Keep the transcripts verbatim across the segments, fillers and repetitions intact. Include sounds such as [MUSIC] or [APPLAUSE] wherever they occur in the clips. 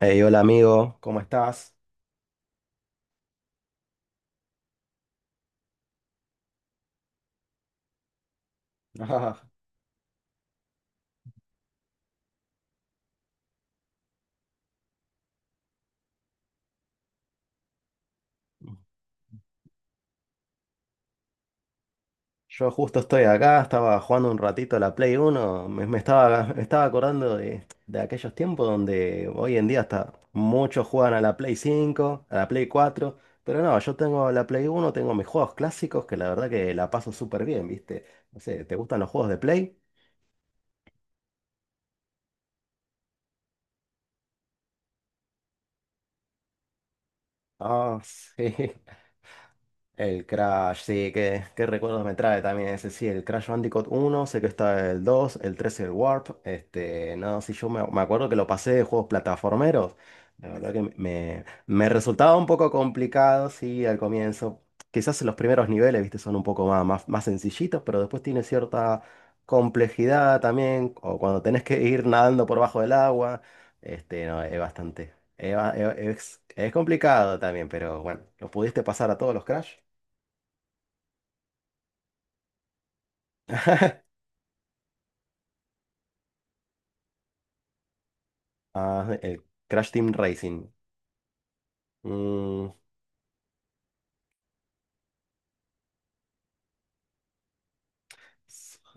Hey, hola amigo, ¿cómo estás? [LAUGHS] Ah, yo justo estoy acá, estaba jugando un ratito a la Play Uno, me, me estaba, me estaba acordando de, de aquellos tiempos donde hoy en día hasta muchos juegan a la Play Cinco, a la Play Cuatro, pero no, yo tengo la Play Uno, tengo mis juegos clásicos que la verdad que la paso súper bien, ¿viste? No sé, ¿te gustan los juegos de Play? Ah, [LAUGHS] sí. El Crash, sí, qué, qué recuerdos me trae también ese, sí, el Crash Bandicoot uno sé que está el dos, el tres, el Warp. Este, no, sí, yo me, me acuerdo que lo pasé de juegos plataformeros, la verdad que me, me resultaba un poco complicado, sí, al comienzo, quizás los primeros niveles, viste, son un poco más, más, más sencillitos, pero después tiene cierta complejidad también, o cuando tenés que ir nadando por bajo del agua. Este, no, es bastante, es, es es complicado también, pero bueno, ¿lo pudiste pasar a todos los Crash? Ah, el Crash Team Racing. Mm,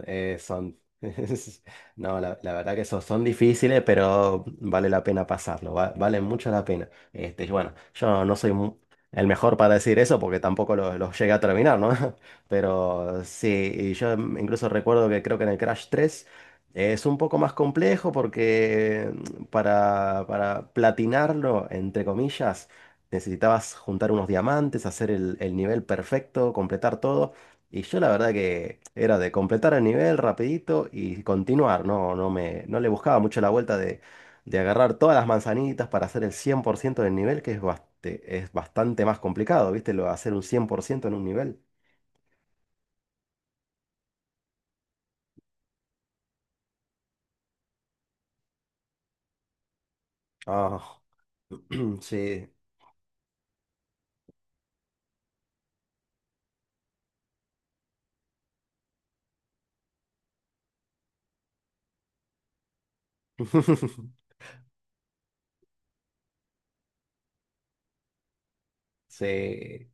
Eh, son, [LAUGHS] no, la, la verdad que son, son difíciles, pero vale la pena pasarlo, va- vale mucho la pena. Este, y bueno, yo no soy mu- el mejor para decir eso porque tampoco los lo lo llegué a terminar, ¿no? [LAUGHS] Pero sí, y yo, mm, incluso recuerdo que creo que en el Crash tres es un poco más complejo porque, mm, para, para platinarlo, entre comillas, necesitabas juntar unos diamantes, hacer el el nivel perfecto, completar todo. Y yo la verdad que era de completar el nivel rapidito y continuar, no, no me, no le buscaba mucho la vuelta de, de agarrar todas las manzanitas para hacer el cien por ciento del nivel, que es, baste- es bastante más complicado, ¿viste? Lo de hacer un cien por ciento en un nivel. Ah, [CLEARS THROAT] sí. [LAUGHS] Sí.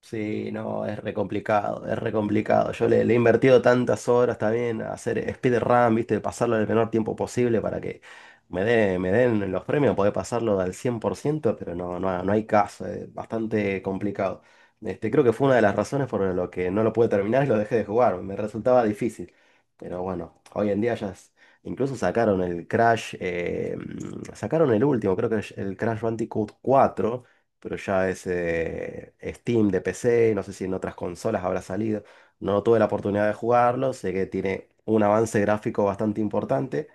Sí, no, es re complicado, es re complicado. Yo le, le he invertido tantas horas también a hacer speedrun, viste, pasarlo en el menor tiempo posible para que me den, me den los premios, poder pasarlo al cien por ciento, pero no, no, no hay caso, es bastante complicado. Este, creo que fue una de las razones por lo que no lo pude terminar y lo dejé de jugar, me resultaba difícil. Pero bueno, hoy en día ya es- incluso sacaron el Crash. Eh, sacaron el último, creo que es el Crash Bandicoot cuatro, pero ya es, eh, Steam de P C, no sé si en otras consolas habrá salido. No tuve la oportunidad de jugarlo, sé que tiene un avance gráfico bastante importante,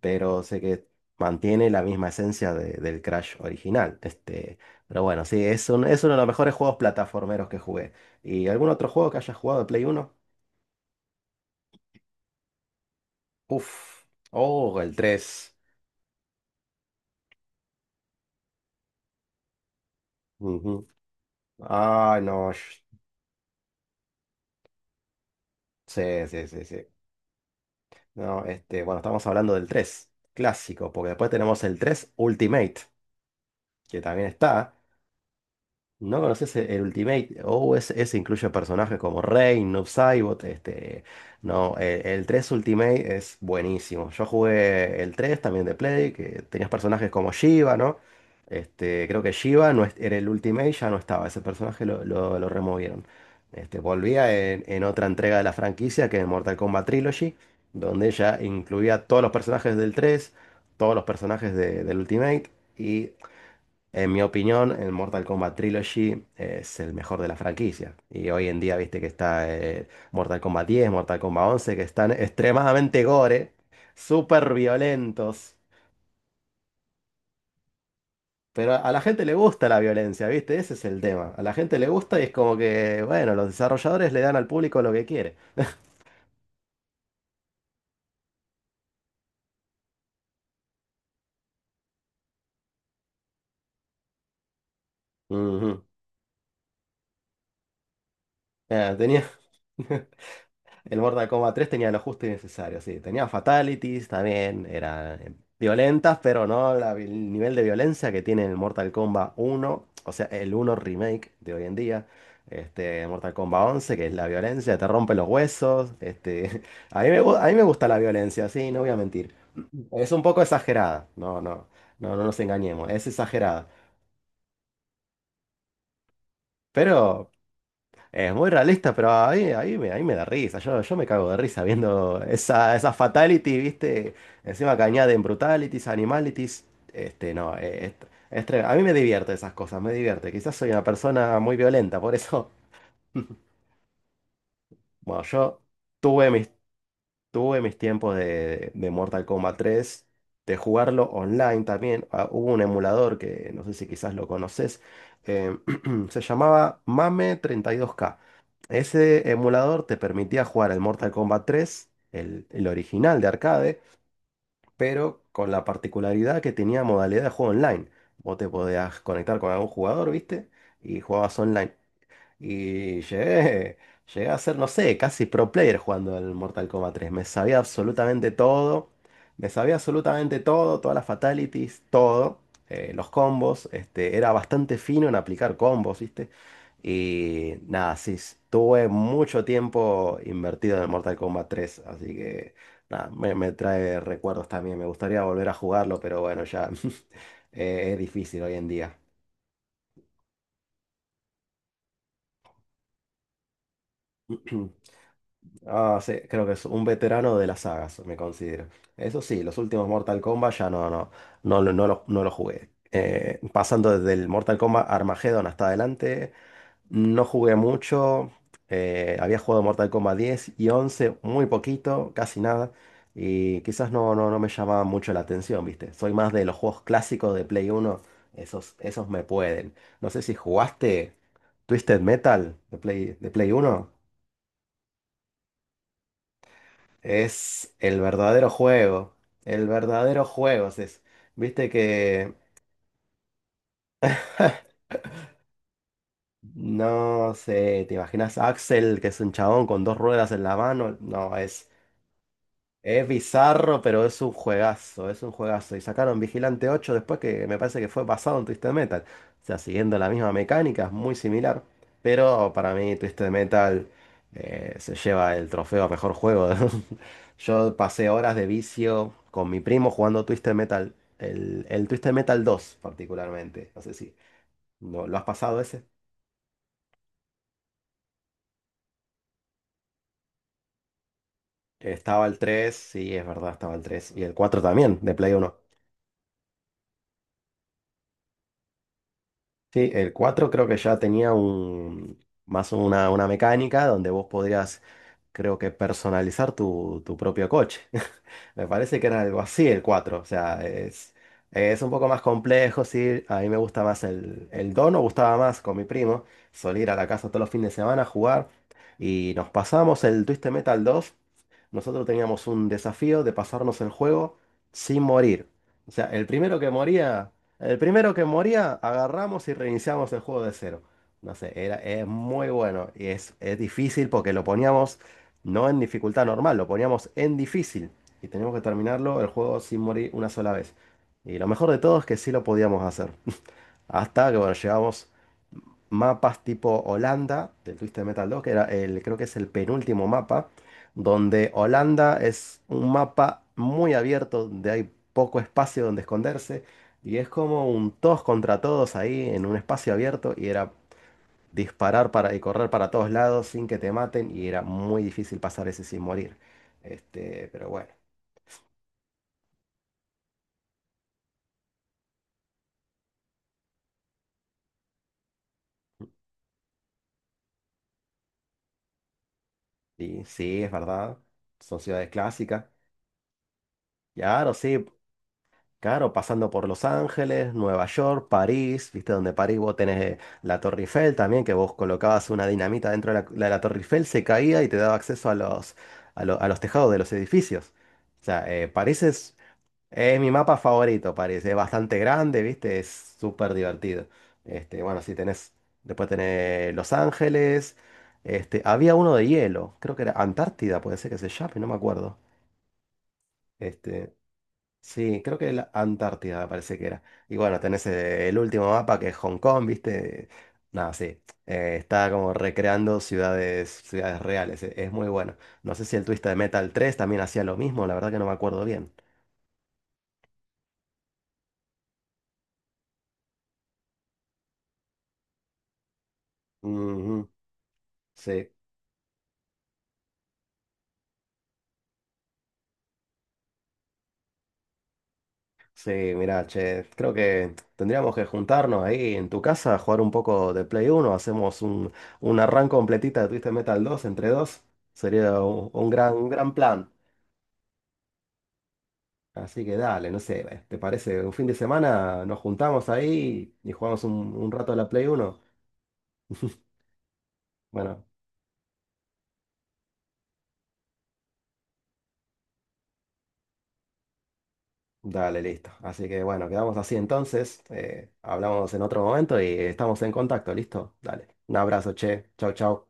pero sé que mantiene la misma esencia de- del Crash original. Este, pero bueno, sí, es un- es uno de los mejores juegos plataformeros que jugué. ¿Y algún otro juego que haya jugado de Play Uno? Uf, oh, el tres. Ujú. Ay, no. sh- Sí, sí, sí, sí. No, este, bueno, estamos hablando del tres clásico, porque después tenemos el tres Ultimate, que también está. ¿No conoces e- el Ultimate? O ese ese incluye personajes como Rey, Noob Saibot, este... No, e- el, tres Ultimate es buenísimo. Yo jugué el tres también de Play, que tenías personajes como Shiva, ¿no? Este, creo que Shiva no es- era el Ultimate, ya no estaba. Ese personaje lo, lo- lo removieron. Este, volvía en, en otra entrega de la franquicia, que es Mortal Kombat Trilogy, donde ya incluía todos los personajes del tres, todos los personajes de- del Ultimate. Y en mi opinión, el Mortal Kombat Trilogy, eh, es el mejor de la franquicia. Y hoy en día, viste que está, eh, Mortal Kombat diez, Mortal Kombat once, que están extremadamente gore, súper violentos. Pero a la gente le gusta la violencia, viste, ese es el tema. A la gente le gusta y es como que, bueno, los desarrolladores le dan al público lo que quiere. Ujú. Ah, tenía. [LAUGHS] El Mortal Kombat tres tenía lo justo y necesario, sí. Tenía fatalities también, eran violentas, pero no la- el nivel de violencia que tiene el Mortal Kombat uno, o sea, el uno remake de hoy en día. Este, Mortal Kombat once, que es la violencia, te rompe los huesos. Este, [LAUGHS] a mí me, gu- a mí me gusta la violencia, sí, no voy a mentir. Es un poco exagerada, no, no, no, no nos engañemos, es exagerada. Pero es muy realista, pero ahí, ahí, me, ahí me da risa. Yo, yo me cago de risa viendo esa, esa fatality, ¿viste? Encima que añaden brutalities, animalities. Este, no, eh, es, es tre- a mí me divierte esas cosas, me divierte. Quizás soy una persona muy violenta, por eso. [LAUGHS] Bueno, yo tuve mis tuve mis tiempos de, de Mortal Kombat tres, de jugarlo online también. Ah, hubo un emulador que no sé si quizás lo conoces, eh, [CLEARS THROAT] se llamaba MAME treinta y dos K. Ese emulador te permitía jugar el Mortal Kombat tres, el, el original de arcade, pero con la particularidad que tenía modalidad de juego online. Vos te podías conectar con algún jugador, ¿viste? Y jugabas online. Y llegué, llegué a ser, no sé, casi pro player jugando el Mortal Kombat tres. Me sabía absolutamente todo. Me sabía absolutamente todo, todas las fatalities, todo. Eh, los combos. Este, era bastante fino en aplicar combos, ¿viste? Y nada, sí, s- tuve mucho tiempo invertido en el Mortal Kombat tres. Así que nada, me, me trae recuerdos también. Me gustaría volver a jugarlo, pero bueno, ya [LAUGHS] eh, es difícil hoy en día. [CLEARS THROAT] Ah, sí, creo que es un veterano de las sagas, me considero. Eso sí, los últimos Mortal Kombat ya no, no, no, lo- no, lo, no lo jugué. Eh, pasando desde el Mortal Kombat Armageddon hasta adelante, no jugué mucho. Eh, había jugado Mortal Kombat diez y once, muy poquito, casi nada. Y quizás no, no, no me llamaba mucho la atención, ¿viste? Soy más de los juegos clásicos de Play uno, esos, esos me pueden. No sé si jugaste Twisted Metal de Play, de Play uno. Es el verdadero juego. El verdadero juego es eso. Viste que, [LAUGHS] no sé, ¿te imaginas a Axel, que es un chabón con dos ruedas en la mano? No, es. Es bizarro, pero es un juegazo, es un juegazo. Y sacaron Vigilante ocho después que me parece que fue basado en Twisted Metal. O sea, siguiendo la misma mecánica, es muy similar. Pero para mí Twisted Metal, eh, se lleva el trofeo a mejor juego. [LAUGHS] Yo pasé horas de vicio con mi primo jugando Twisted Metal. El, el Twisted Metal dos particularmente. No sé si ¿no- lo has pasado ese. Estaba el tres, sí, es verdad, estaba el tres. Y el cuatro también, de Play uno. Sí, el cuatro creo que ya tenía un, más una, una mecánica donde vos podrías, creo que, personalizar tu, tu propio coche. [LAUGHS] Me parece que era algo así el cuatro. O sea, es, es un poco más complejo, sí. A mí me gusta más el, el dos, nos gustaba más con mi primo. Solía ir a la casa todos los fines de semana a jugar. Y nos pasamos el Twisted Metal dos. Nosotros teníamos un desafío de pasarnos el juego sin morir. O sea, el primero que moría, el primero que moría, agarramos y reiniciamos el juego de cero. No sé, era, es muy bueno y es, es difícil porque lo poníamos no en dificultad normal, lo poníamos en difícil. Y teníamos que terminarlo el juego sin morir una sola vez. Y lo mejor de todo es que sí lo podíamos hacer. [LAUGHS] Hasta que, bueno, llegamos mapas tipo Holanda del Twisted Metal dos, que era el, creo que es el penúltimo mapa, donde Holanda es un mapa muy abierto, donde hay poco espacio donde esconderse. Y es como un todos contra todos ahí en un espacio abierto. Y era disparar para, y correr para todos lados sin que te maten y era muy difícil pasar ese sin morir. Este, pero bueno, y sí, es verdad, son ciudades clásicas. Claro, sí, claro, pasando por Los Ángeles, Nueva York, París, viste donde París vos tenés, eh, la Torre Eiffel también, que vos colocabas una dinamita dentro de la, la- la Torre Eiffel, se caía y te daba acceso a los, a lo- a los tejados de los edificios. O sea, eh, París es. Es mi mapa favorito, parece. Es bastante grande, ¿viste? Es súper divertido. Este, bueno, si tenés. Después tenés Los Ángeles. Este, había uno de hielo. Creo que era Antártida, puede ser que se llame, no me acuerdo. Este, sí, creo que la Antártida me parece que era. Y bueno, tenés, eh, el último mapa que es Hong Kong, ¿viste? Nada, sí. Eh, está como recreando ciudades, ciudades reales. e- Es muy bueno. No sé si el Twisted Metal tres también hacía lo mismo, la verdad que no me acuerdo bien. Ujú, sí. Sí, mira, che, creo que tendríamos que juntarnos ahí en tu casa, jugar un poco de Play Uno. Hacemos un, una run completita de Twisted Metal dos entre dos. Sería un, un gran, un gran plan. Así que dale, no sé, eh, ¿te parece? Un fin de semana nos juntamos ahí y jugamos un, un rato a la Play Uno. [LAUGHS] Bueno, dale, listo. Así que bueno, quedamos así entonces. Eh, hablamos en otro momento y estamos en contacto, ¿listo? Dale. Un abrazo, che. Chau, chau.